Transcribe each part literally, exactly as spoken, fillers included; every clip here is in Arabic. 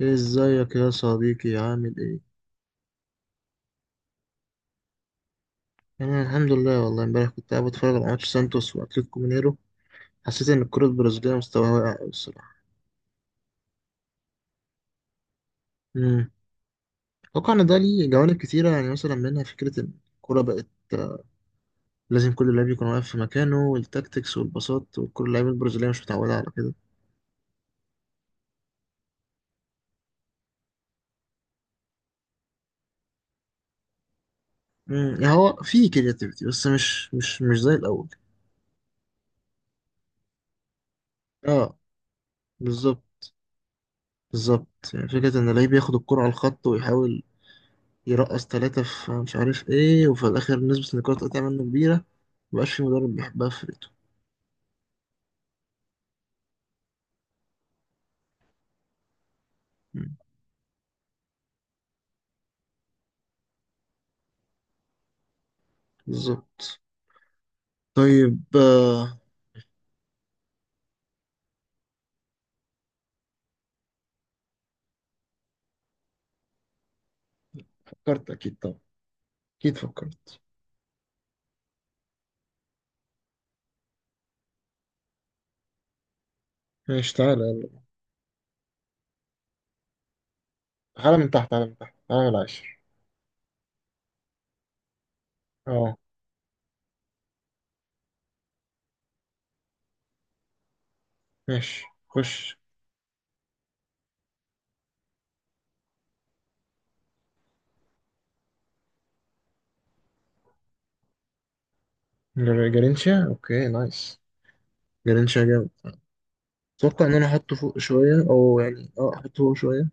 ازيك يا صديقي؟ عامل ايه؟ انا الحمد لله، والله امبارح كنت قاعد بتفرج على ماتش سانتوس واتلتيكو مينيرو. حسيت ان الكرة البرازيلية مستواها واقع قوي الصراحة. امم. اتوقع ان ده ليه جوانب كتيرة، يعني مثلا منها فكرة ان الكرة بقت آه، لازم كل لاعب يكون واقف في مكانه، والتاكتكس والباصات، وكل اللعيبة البرازيلية مش متعودة على كده. امم، يعني هو في كرياتيفيتي، بس مش مش مش زي الاول. اه، بالظبط. بالظبط، يعني فكرة ان اللعيب ياخد الكرة على الخط ويحاول يرقص تلاتة في مش عارف ايه، وفي الآخر نسبة النقاط تقطع منه كبيرة. مبقاش في مدرب بيحبها في فرقته. مم. بالظبط. طيب. آه، فكرت أكيد طبعا. أكيد فكرت. ماشي، تعالى يلا. تعالى من تحت، تعالى من تحت، تعالى من العاشر. اه. ماشي، خش. جر- جرينشا، اوكي، نايس. جرينشا جامد. اتوقع ان انا احطه فوق شويه، او يعني اه احطه فوق شويه.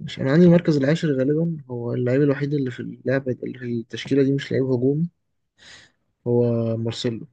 مش انا عندي المركز العاشر غالبا هو اللعيب الوحيد اللي في اللعبه، اللي في التشكيله دي مش لعيب هجومي. هو مارسيلو.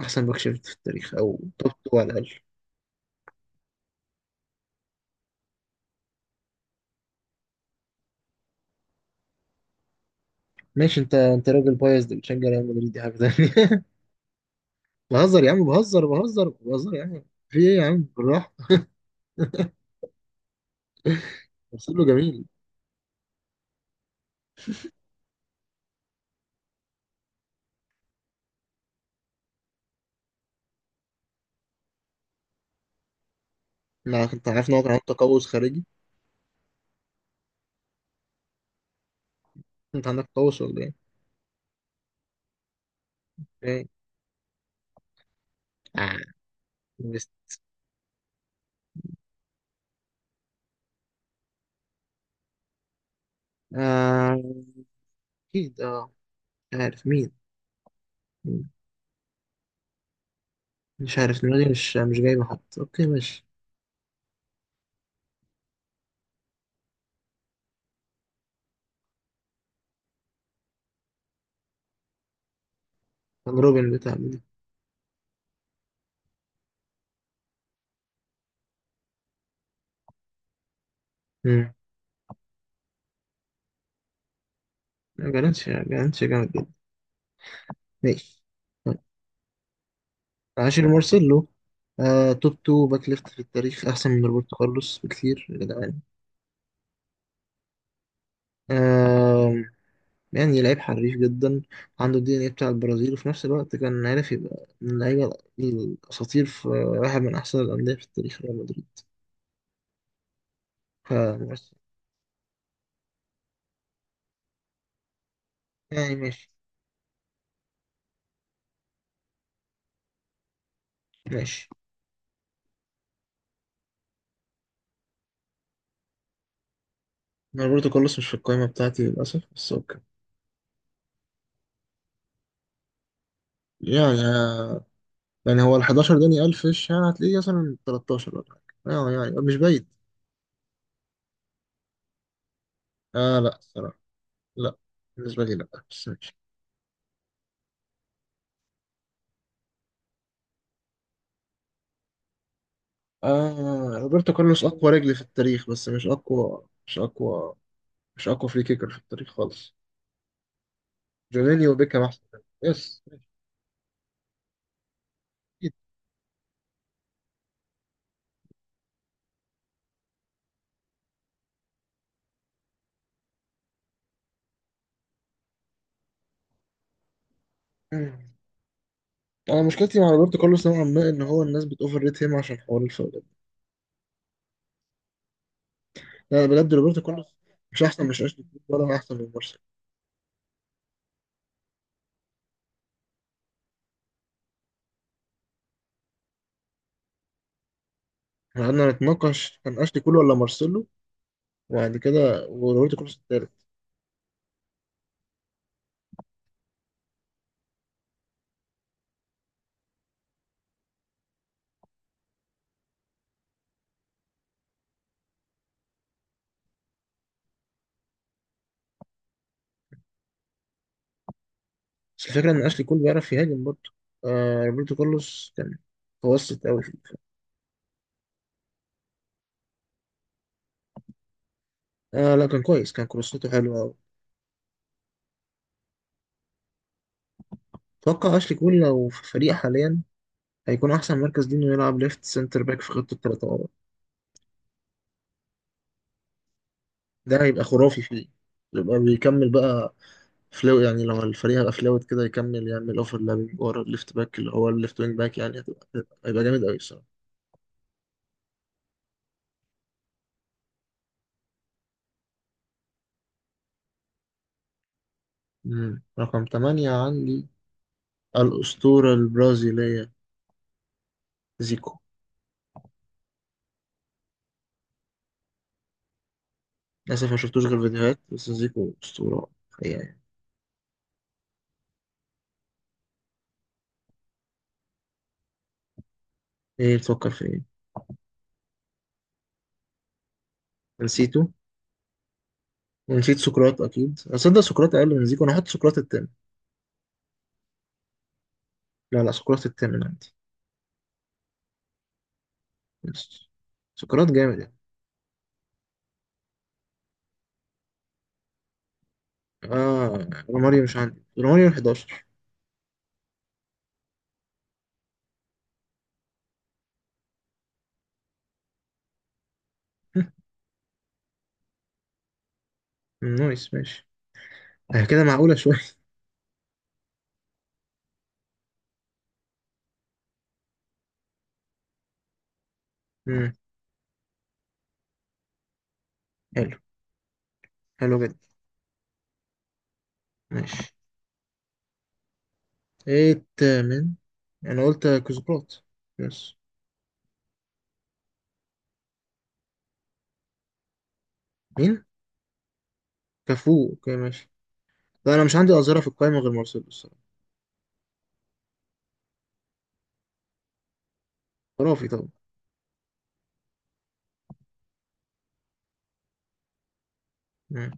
احسن باك شفت في التاريخ، او توب اتنين على الاقل. ماشي. انت انت راجل بايظ، ده بتشجع ريال مدريد، دي حاجه ثانيه. بهزر يا عم، بهزر بهزر بهزر يا عم. في ايه يا عم؟ بالراحه. له جميل. ما انت عارف ان هو كان عنده تقوس خارجي. انت عندك تقوس ولا ايه؟ ايه. آه. بس- آه، اكيد اه. مش عارف مين. مين؟ مش عارف، دماغي مش مش جايبه حد، اوكي ماشي. كان روبن بتاع مين؟ امم. جالنتش، جالنتش جامد جدا. ماشي. عاشر مارسيلو. آه توب تو باك ليفت في التاريخ، أحسن من روبرتو كارلوس بكتير يا جدعان. آه يعني لعيب حريف جدا. عنده الدي إن إيه بتاع البرازيل، وفي نفس الوقت كان عارف يبقى من اللعيبة الأساطير في واحد من أحسن الأندية في التاريخ، ريال مدريد. ف، يعني ماشي. ماشي. أنا روبرتو كارلوس مش في القائمة بتاعتي للأسف، بس أوكي. يعني آه، يعني هو ال حداشر داني ألف فيش، يعني هتلاقيه مثلا تلتاشر ولا حاجة. آه، يعني مش بعيد. آه، لا الصراحة. لا بالنسبة لي، لا، بس ماشي. آه روبرتو كارلوس أقوى رجل في التاريخ، بس مش أقوى مش أقوى مش أقوى فري كيكر في التاريخ خالص. جونينيو وبيكهام أحسن منه. يس. أكيد. مم. أنا مشكلتي مع روبرتو كارلوس نوعا ما إن هو الناس بتأوفر ريت هيم عشان حوار الفاولات. لا، بجد روبرتو كارلوس مش أحسن مش أشلي كول، ولا أحسن من مارسيلو. إحنا قعدنا نتناقش كان أشلي كول ولا مارسيلو، وبعد كده وروبرتو كارلوس التالت. بس الفكرة إن أشلي كول بيعرف يهاجم برضه. آه روبرتو كارلوس كان متوسط أوي فيه. آه لا، كان كويس، كان كروساته حلوة. اتوقع اشلي كول لو في فريق حاليا هيكون احسن مركز ليه انه يلعب ليفت سنتر باك في خطه الثلاثه ورا. ده هيبقى خرافي فيه، يبقى بيكمل بقى. فلو يعني لما الفريق هيبقى فلوت كده، يكمل يعمل اوفر لابينج ورا الليفت باك اللي هو الليفت وينج باك. يعني هتبقى هتبقى- هيبقى جامد قوي الصراحه. مم. رقم تمانية عندي الاسطوره البرازيليه زيكو. للاسف ما شفتوش غير فيديوهات، بس زيكو اسطوره حقيقه يعني. ايه، بتفكر في ايه؟ نسيته. ونسيت سقراط. اكيد اصدق سقراط اقل من زيكو. انا هحط سقراط التاني. لا لا، سقراط التامن عندي. بس. سقراط جامد يعني. اه، روماريو، مش عندي روماريو حداشر. نايس، ماشي. آه كده معقولة شوية. مم. حلو. حلو جدا. ماشي. ايه التامن؟ انا قلت كوزقراط. بس. مين؟ كفو، اوكي ماشي. لا، انا مش عندي أظهرة في القائمة غير مارسيلو الصراحة. خرافي طبعا. مم.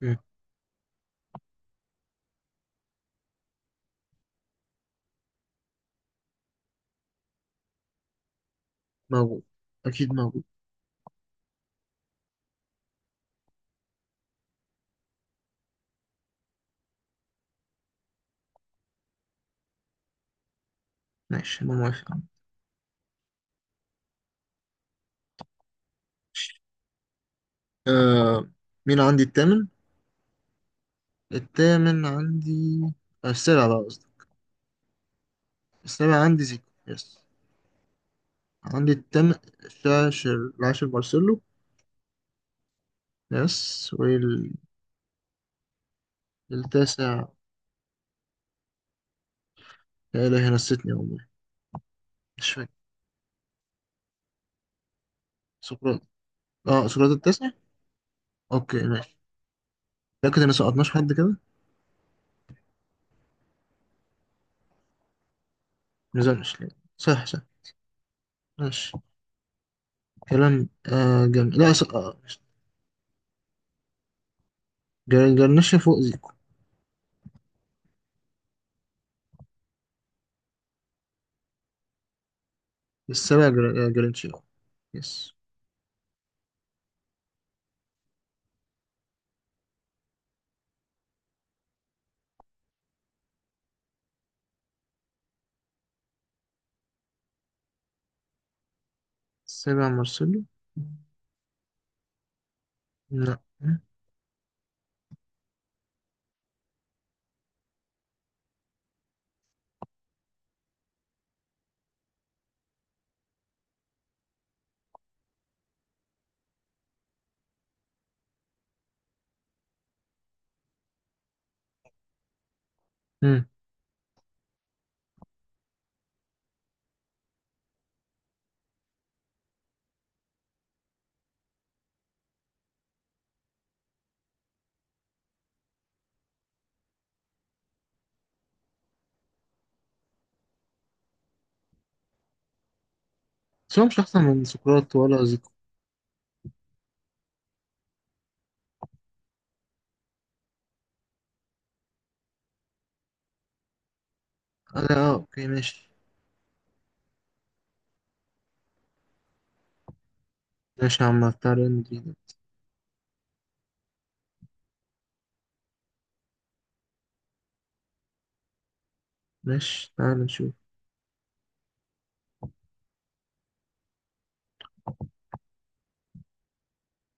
مم. موجود. اكيد موجود. ماشي، انا موافق. ماشي. آه مين عندي التامن؟ التامن عندي، السابع بقى قصدي. السابع عندي زيكو، يس. عندي التامن. العاشر، العاشر مارسيلو. ناس. والتاسع، لا إله أنا نسيتني والله، مش فاكر. سقراط. اه، سقراط التاسع. اوكي ماشي. لكن انا سقطناش حد كده، نزلناش لا. صح صح. ماشي. كلام. آه جن... لا س... آه. ماشي. جر- جرنشة فوق زيكو. السابع جر... آه، جرنشة، يس. السابع مارسيلو. لا. مم. بس هو مش أحسن من سقراط ولا زيكو. آه، لا، آه، اوكي ماشي. ماشي يا عم بتاع ريال مدريد. ماشي، تعال نشوف.